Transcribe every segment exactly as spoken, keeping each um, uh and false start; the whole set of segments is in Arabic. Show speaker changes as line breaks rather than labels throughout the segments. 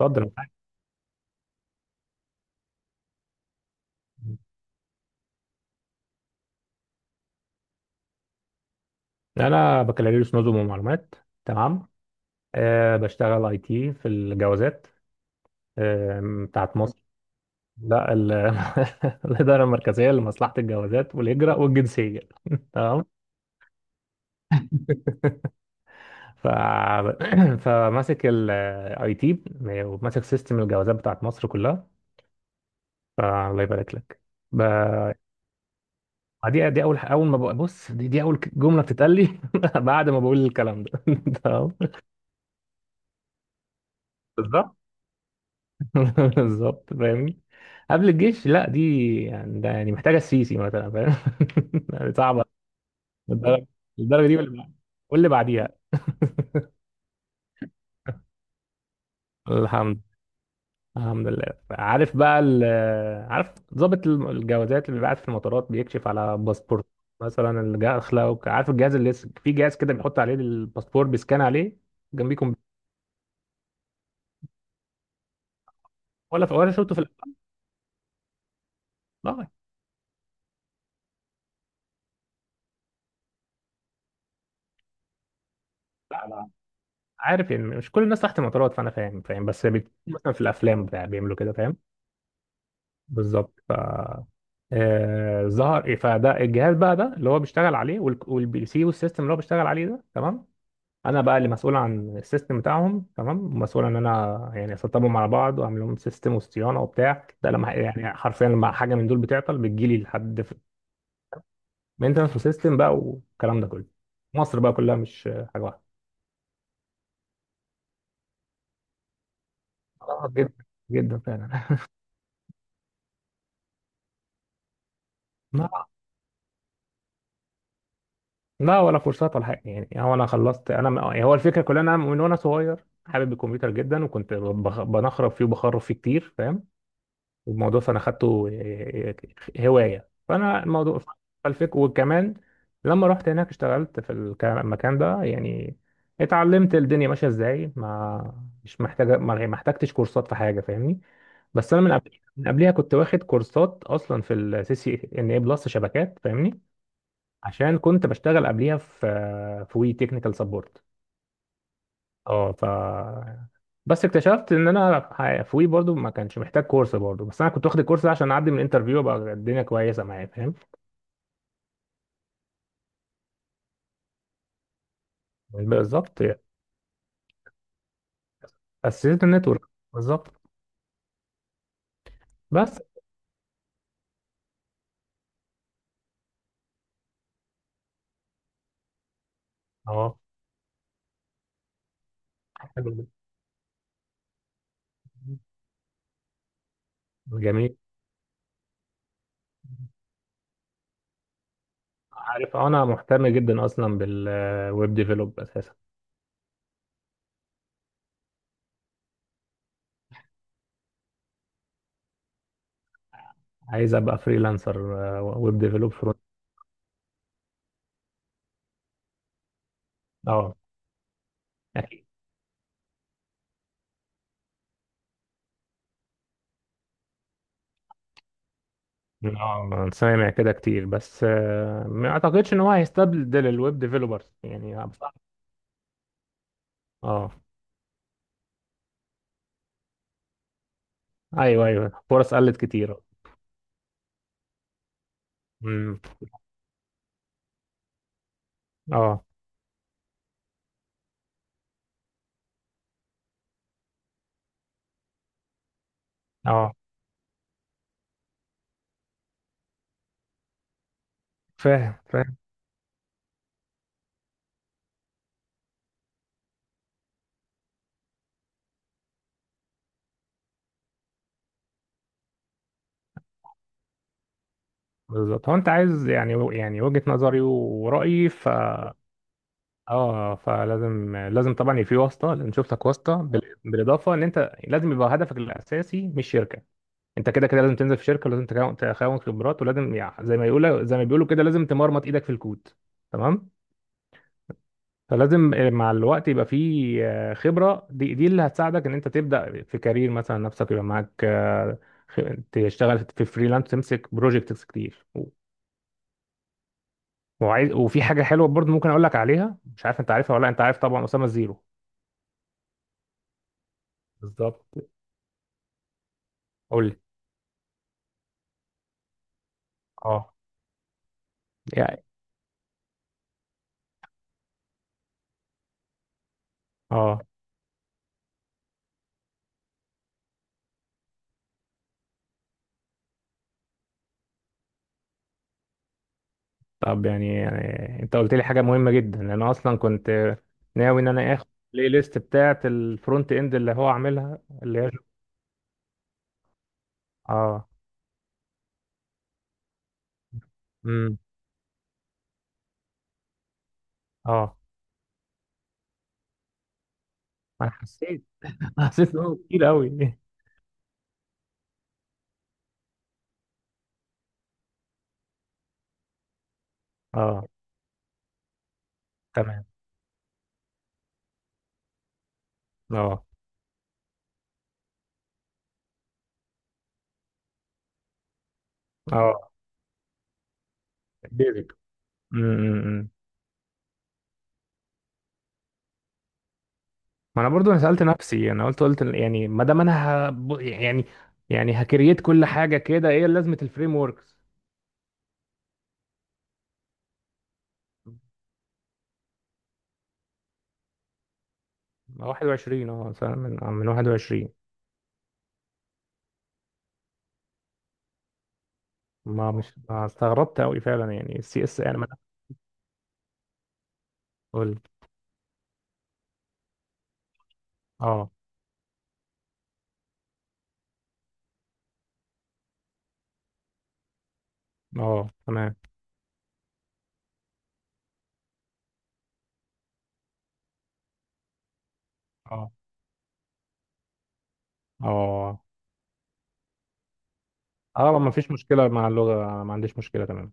اتفضل. انا بكالوريوس نظم ومعلومات. تمام. أه بشتغل اي تي في الجوازات. أه. بتاعت مصر. لا ال- الاداره المركزيه لمصلحه الجوازات والهجره والجنسيه. تمام. ف... فماسك الاي تي وماسك سيستم الجوازات بتاعت مصر كلها. فالله يبارك لك. ب... دي دي اول اول ما بق- بص، دي, دي اول جمله بتتقال لي بعد ما بقول الكلام ده. تمام. بالظبط. بالظبط، فاهمني؟ قبل الجيش، لا دي يعني ده يعني محتاجه السيسي مثلا، فاهم؟ يعني صعبه. للدرجه للدرجه دي واللي بعد- واللي بعديها. الحمد الحمد لله. عارف بقى ال- عارف ضابط الجوازات اللي بيبعت في المطارات بيكشف على باسبورت، مثلا الداخله، عارف الجهاز اللي لسه- في جهاز كده بيحط عليه الباسبور بيسكان عليه؟ جنبيكم. ولا ولا شفته في الافلام. لا لا، عارف يعني مش كل الناس تحت المطارات، فانا فاهم فاهم، بس بت- مثلا في الافلام بتاع بيعملوا كده، فاهم؟ بالظبط. ف آه، ظهر إيه، فده الجهاز بقى ده اللي هو بيشتغل عليه، والك- والبي سي والسيستم اللي هو بيشتغل عليه ده. تمام. انا بقى اللي مسؤول عن السيستم بتاعهم، تمام، مسؤول ان انا يعني اسطبهم على بعض واعمل لهم سيستم وصيانه وبتاع ده، لما يعني حرفيا لما حاجه من دول بتعطل بتجيلي لحد. مينتنس وسيستم بقى والكلام ده كله. مصر بقى كلها مش حاجه واحده. آه، جدا. جدا فعلا. لا ولا كورسات ولا حاجه، يعني هو انا خلصت، انا م- هو الفكره كلها إن انا من وانا صغير حابب الكمبيوتر جدا، وكنت بخ- بنخرب فيه وبخرب فيه كتير، فاهم؟ والموضوع، فانا خدته إيه، إيه، هوايه، فانا الموضوع. فالفك، وكمان لما رحت هناك اشتغلت في الك- المكان ده، يعني اتعلمت الدنيا ماشيه ازاي، ما مش محتاجه ما ما احتجتش كورسات في حاجه، فاهمني؟ بس انا من قبل، من قبليها كنت واخد كورسات اصلا في السي سي ان اي بلس شبكات، فاهمني؟ عشان كنت بشتغل قبليها في في وي تكنيكال سبورت. اه ف بس اكتشفت ان انا ح- في وي برضو ما كانش محتاج كورس برضو، بس انا كنت واخد الكورس ده عشان اعدي من الانترفيو، بقى الدنيا كويسه معايا، فاهم؟ حلو، بالظبط. اسست النتورك. بالظبط. بس اه. حلو جدا. جميل. عارف، أه، انا مهتم جدا اصلا بالويب ديفلوب اساسا. عايز ابقى فريلانسر ويب ديفلوب فرونت. اه اه، سامع كده كتير، بس آه، ما اعتقدش ان هو هيستبدل الويب ديفيلوبرز يعني بصراحة. اه. ايوه ايوه، فرص قلت كتير. امم اه اه، فاهم فاهم. بالظبط. هو انت عايز يعني، يعني وجهة نظري ورأيي ف. اه، فلازم لازم طبعا يبقى في واسطة، لازم نشوف لك واسطة، بال- بالاضافة ان انت لازم يبقى هدفك الاساسي مش شركة. انت كده كده لازم تنزل في شركة، ولازم تكون تكون خبرات، ولازم يعني زي ما يقولوا، زي ما بيقولوا كده لازم تمرمط ايدك في الكود. تمام. فلازم مع الوقت يبقى فيه آه، خبرة، دي دي اللي هتساعدك ان انت تبدأ في كارير مثلا نفسك، يبقى معاك آه، خ- تشتغل في فريلانس، تمسك بروجكتس كتير، و- وعايز، وفي حاجة حلوة برضه ممكن اقول لك عليها، مش عارف انت عارفها ولا لأ، انت عارف طبعا أسامة زيرو. بالظبط. قول لي. اه. يعني اه. طب يعني, يعني انت قلت لي حاجة مهمة جدا، انا اصلا كنت ناوي ان انا اخد البلاي ليست بتاعة الفرونت اند اللي هو عاملها، اللي هي اه. امم. اه. انا حسيت حسيت ان هو كتير قوي. اه. تمام. اه اه. ديفيد. م- م- م. ما انا برضو، انا سألت نفسي، انا قلت قلت يعني ما دام انا ه... يعني، يعني هكريت كل حاجة كده، ايه لازمة الفريم وركس واحد وعشرين؟ اه مثلا من آه، من واحد وعشرين. ما مش ما استغربت قوي فعلا، يعني السي اس انا ما. قول. اه اه. تمام. اه اه اه. ما فيش مشكلة مع اللغة، أنا ما عنديش مشكلة. تمام.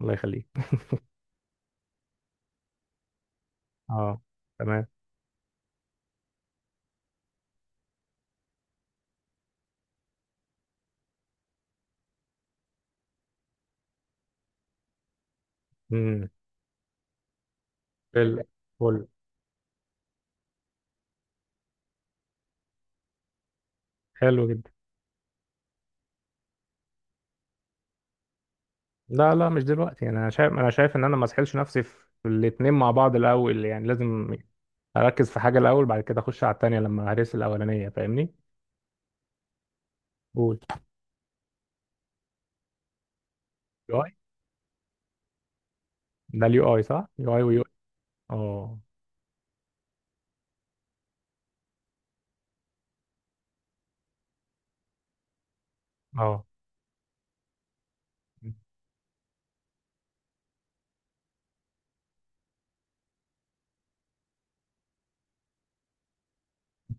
الله يخليك. اه. تمام. امم فل. فل، حلو جدا. لا لا، مش دلوقتي يعني، انا شايف انا شايف ان انا ما اسحلش نفسي في الاتنين مع بعض الاول، يعني لازم اركز في حاجه الاول، بعد كده اخش على التانيه لما هرس الاولانيه، فاهمني؟ قول. يو اي. ده اليو اي صح، يو اي ويو. اه. اه.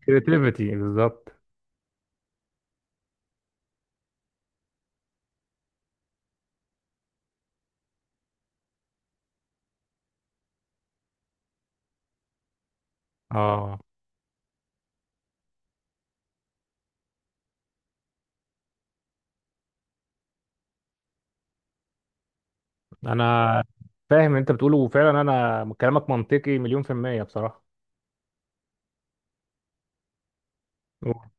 كريتيفيتي، بالظبط. اه. انا فاهم انت بتقوله، وفعلا انا كلامك منطقي مليون في المية بصراحة. أوه.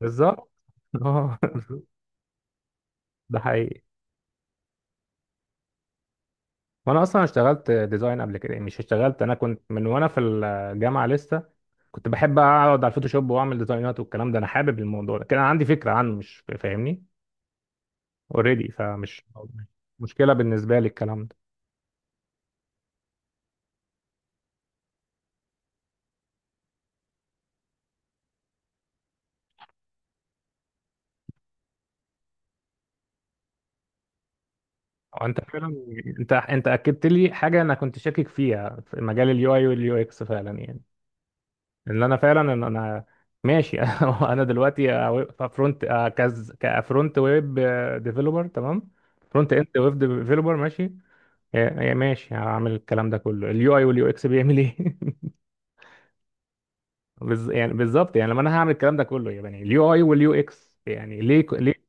بالظبط. اه. ده حقيقي. وانا اصلا اشتغلت ديزاين قبل كده، مش اشتغلت، انا كنت من وانا في الجامعة لسه كنت بحب اقعد على الفوتوشوب واعمل ديزاينات والكلام ده، انا حابب الموضوع ده، كان عندي فكره عنه، مش فاهمني؟ اوريدي، فمش مشكله بالنسبه لي الكلام ده. أو انت فعلا، انت انت اكدت لي حاجه انا كنت شاكك فيها في مجال اليو اي واليو اكس، فعلا يعني. ان انا فعلا، ان انا ماشي. انا دلوقتي فرونت، كز كفرونت ويب ديفلوبر، تمام، فرونت اند ويب ديفلوبر، ماشي. يا- يا ماشي، هعمل الكلام ده كله، اليو اي واليو اكس بيعمل ايه؟ بز... يعني بالظبط يعني، لما انا هعمل الكلام ده كله يعني، اليو اي واليو اكس يعني ليه ك- ليه.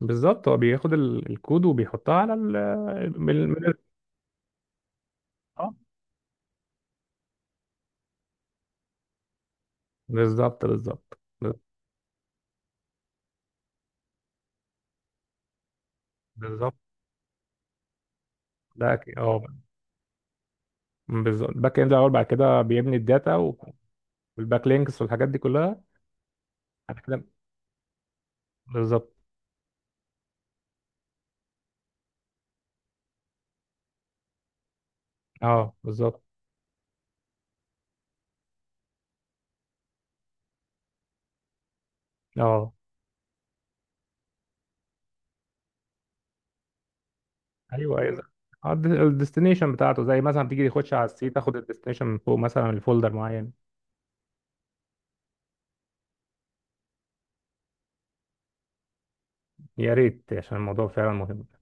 بالظبط، هو بياخد ال- الكود وبيحطها على ال بال- بال- اه. بالظبط بالظبط. بالظبط، ده أكيد. اه. بالظبط، الباك اند الاول، بعد كده بيبني الداتا والباك لينكس والحاجات دي كلها. بعد كده. بالظبط. اه بالظبط. اه ايوه ايوه، الديستنيشن بتاعته، زي مثلا تيجي تخش على السي تاخد الديستنيشن من فوق مثلا الفولدر معين. يا ريت، عشان الموضوع فعلا مهم.